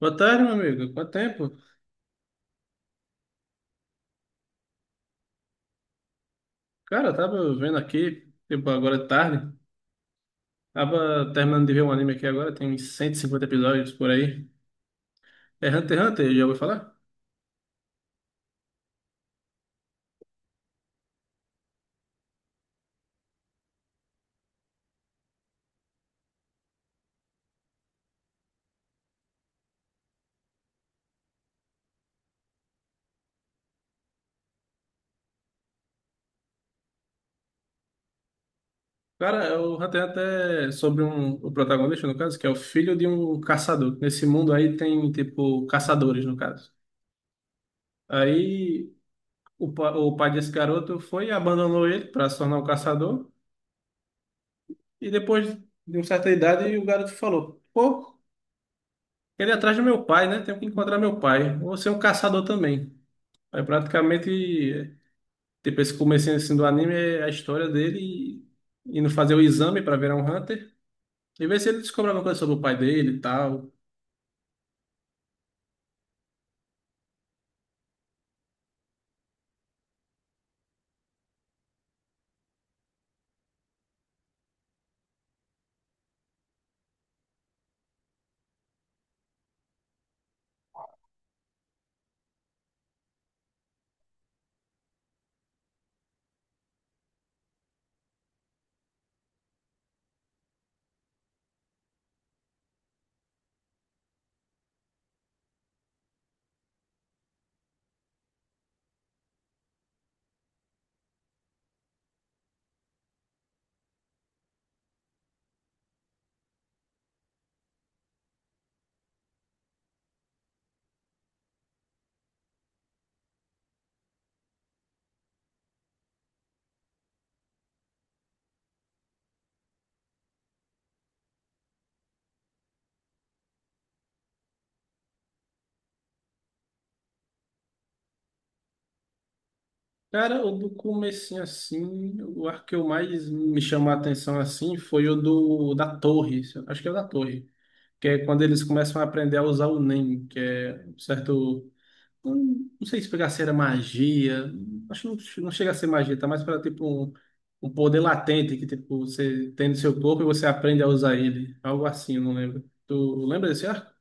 Boa tarde, meu amigo. Quanto tempo? Cara, eu tava vendo aqui, tipo, agora de tarde. Tava terminando de ver um anime aqui agora, tem uns 150 episódios por aí. É Hunter x Hunter, já ouviu falar? Cara, é o Hunter x Hunter é sobre o protagonista, no caso, que é o filho de um caçador. Nesse mundo aí tem, tipo, caçadores, no caso. Aí o pai desse garoto foi e abandonou ele para se tornar um caçador. E depois de uma certa idade, o garoto falou: Pô, ele é atrás do meu pai, né? Tenho que encontrar meu pai. Vou ser um caçador também. Aí praticamente, tipo, esse comecinho assim, do anime é a história dele indo fazer o exame para virar um Hunter e ver se ele descobre alguma coisa sobre o pai dele e tal. Cara, o do comecinho assim, o arco que eu mais me chamou a atenção assim foi o do da torre, acho que é o da torre, que é quando eles começam a aprender a usar o Nen, que é um certo. Não, não sei se pegar se era magia. Acho que não, não chega a ser magia, tá mais para tipo um poder latente que tipo você tem no seu corpo e você aprende a usar ele. Algo assim, eu não lembro. Tu lembra desse arco?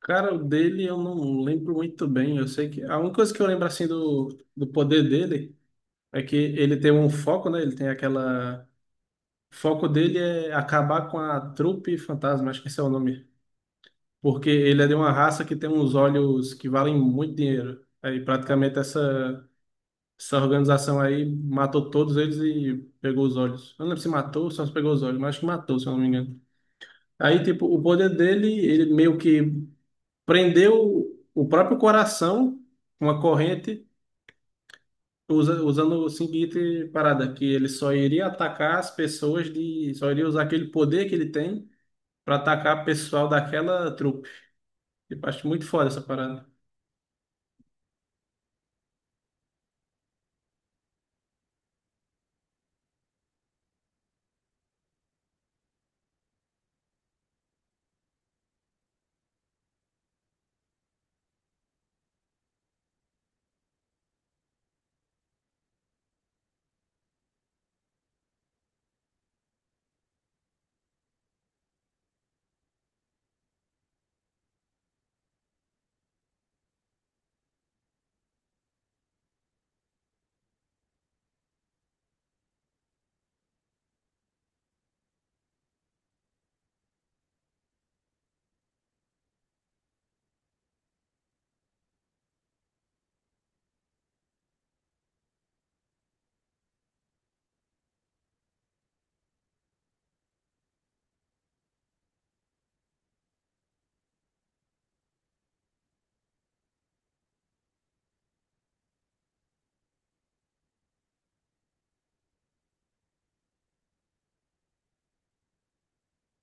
Cara, o dele eu não lembro muito bem. Eu sei que a única coisa que eu lembro assim do poder dele é que ele tem um foco, né? Ele tem aquela. O foco dele é acabar com a trupe fantasma, acho que esse é o nome. Porque ele é de uma raça que tem uns olhos que valem muito dinheiro. Aí praticamente essa. Essa organização aí matou todos eles e pegou os olhos. Eu não lembro se matou ou só se pegou os olhos, mas acho que matou, se eu não me engano. Aí, tipo, o poder dele, ele meio que prendeu o próprio coração com uma corrente, usando o seguinte parada, que ele só iria atacar as pessoas Só iria usar aquele poder que ele tem para atacar o pessoal daquela trupe. Tipo, acho muito foda essa parada.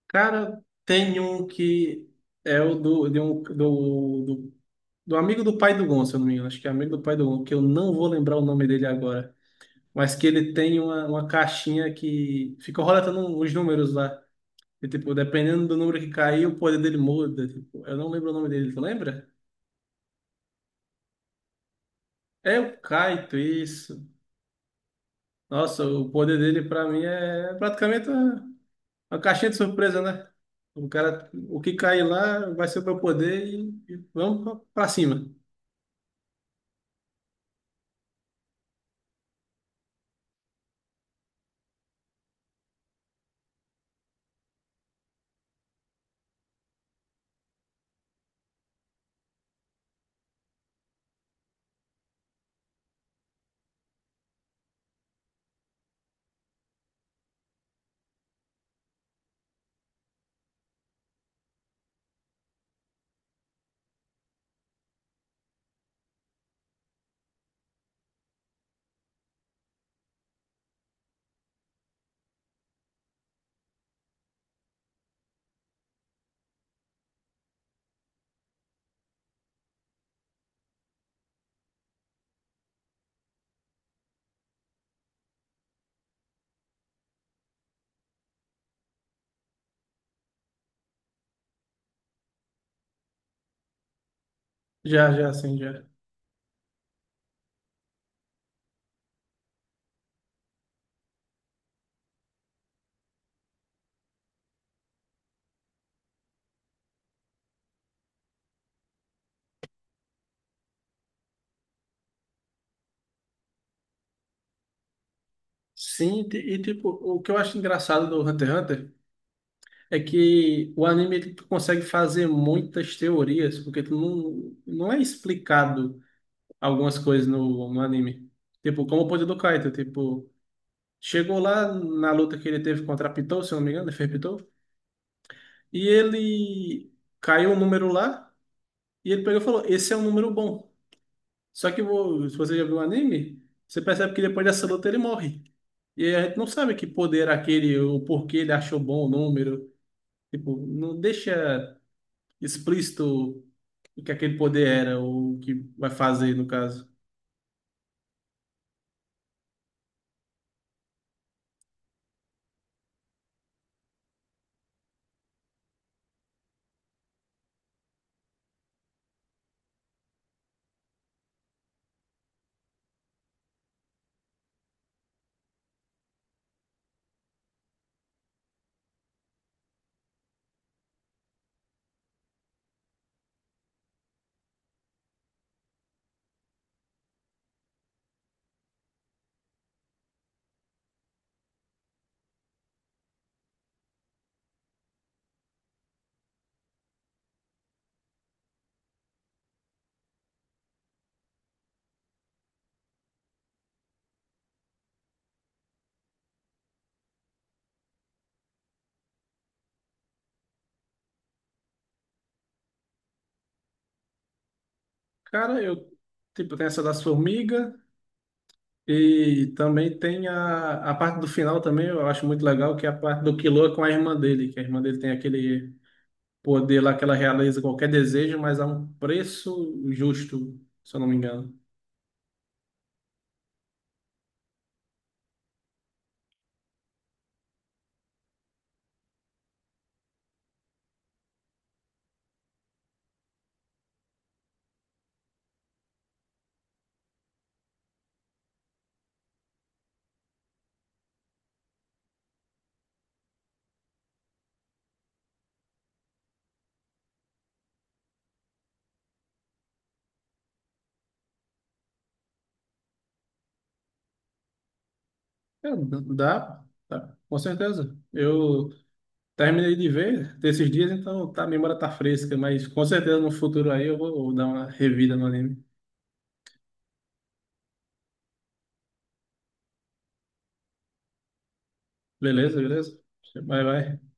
Cara, tem um que é o do, de um, do, do Do amigo do pai do Gon, se eu não me engano. Acho que é amigo do pai do Gon, que eu não vou lembrar o nome dele agora. Mas que ele tem uma caixinha que fica roletando os números lá. E, tipo, dependendo do número que cair, o poder dele muda. Tipo, eu não lembro o nome dele, tu lembra? É o Kaito, isso. Nossa, o poder dele pra mim é praticamente uma caixinha de surpresa, né? O cara, o que cair lá vai ser o meu poder e vamos pra cima. Já, já. Sim, e tipo, o que eu acho engraçado do Hunter x Hunter. É que o anime ele tu consegue fazer muitas teorias, porque tu não é explicado algumas coisas no anime. Tipo, como o poder do Kaito, tipo, chegou lá na luta que ele teve contra a Pitou, se eu não me engano, ele fez Pitou, e ele caiu um número lá, e ele pegou e falou, esse é um número bom. Só que se você já viu o anime, você percebe que depois dessa luta ele morre. E aí a gente não sabe que poder era aquele, o porquê ele achou bom o número. Tipo, não deixa explícito e que aquele poder era, ou o que vai fazer, no caso. Cara, eu, tipo, tem essa das formigas e também tem a parte do final também, eu acho muito legal, que é a parte do Killua com a irmã dele, que a irmã dele tem aquele poder lá que ela realiza qualquer desejo, mas a um preço justo, se eu não me engano. É, dá, dá, com certeza. Eu terminei de ver desses dias, então tá, a memória tá fresca, mas com certeza no futuro aí eu vou dar uma revida no anime. Beleza, beleza? Bye, bye.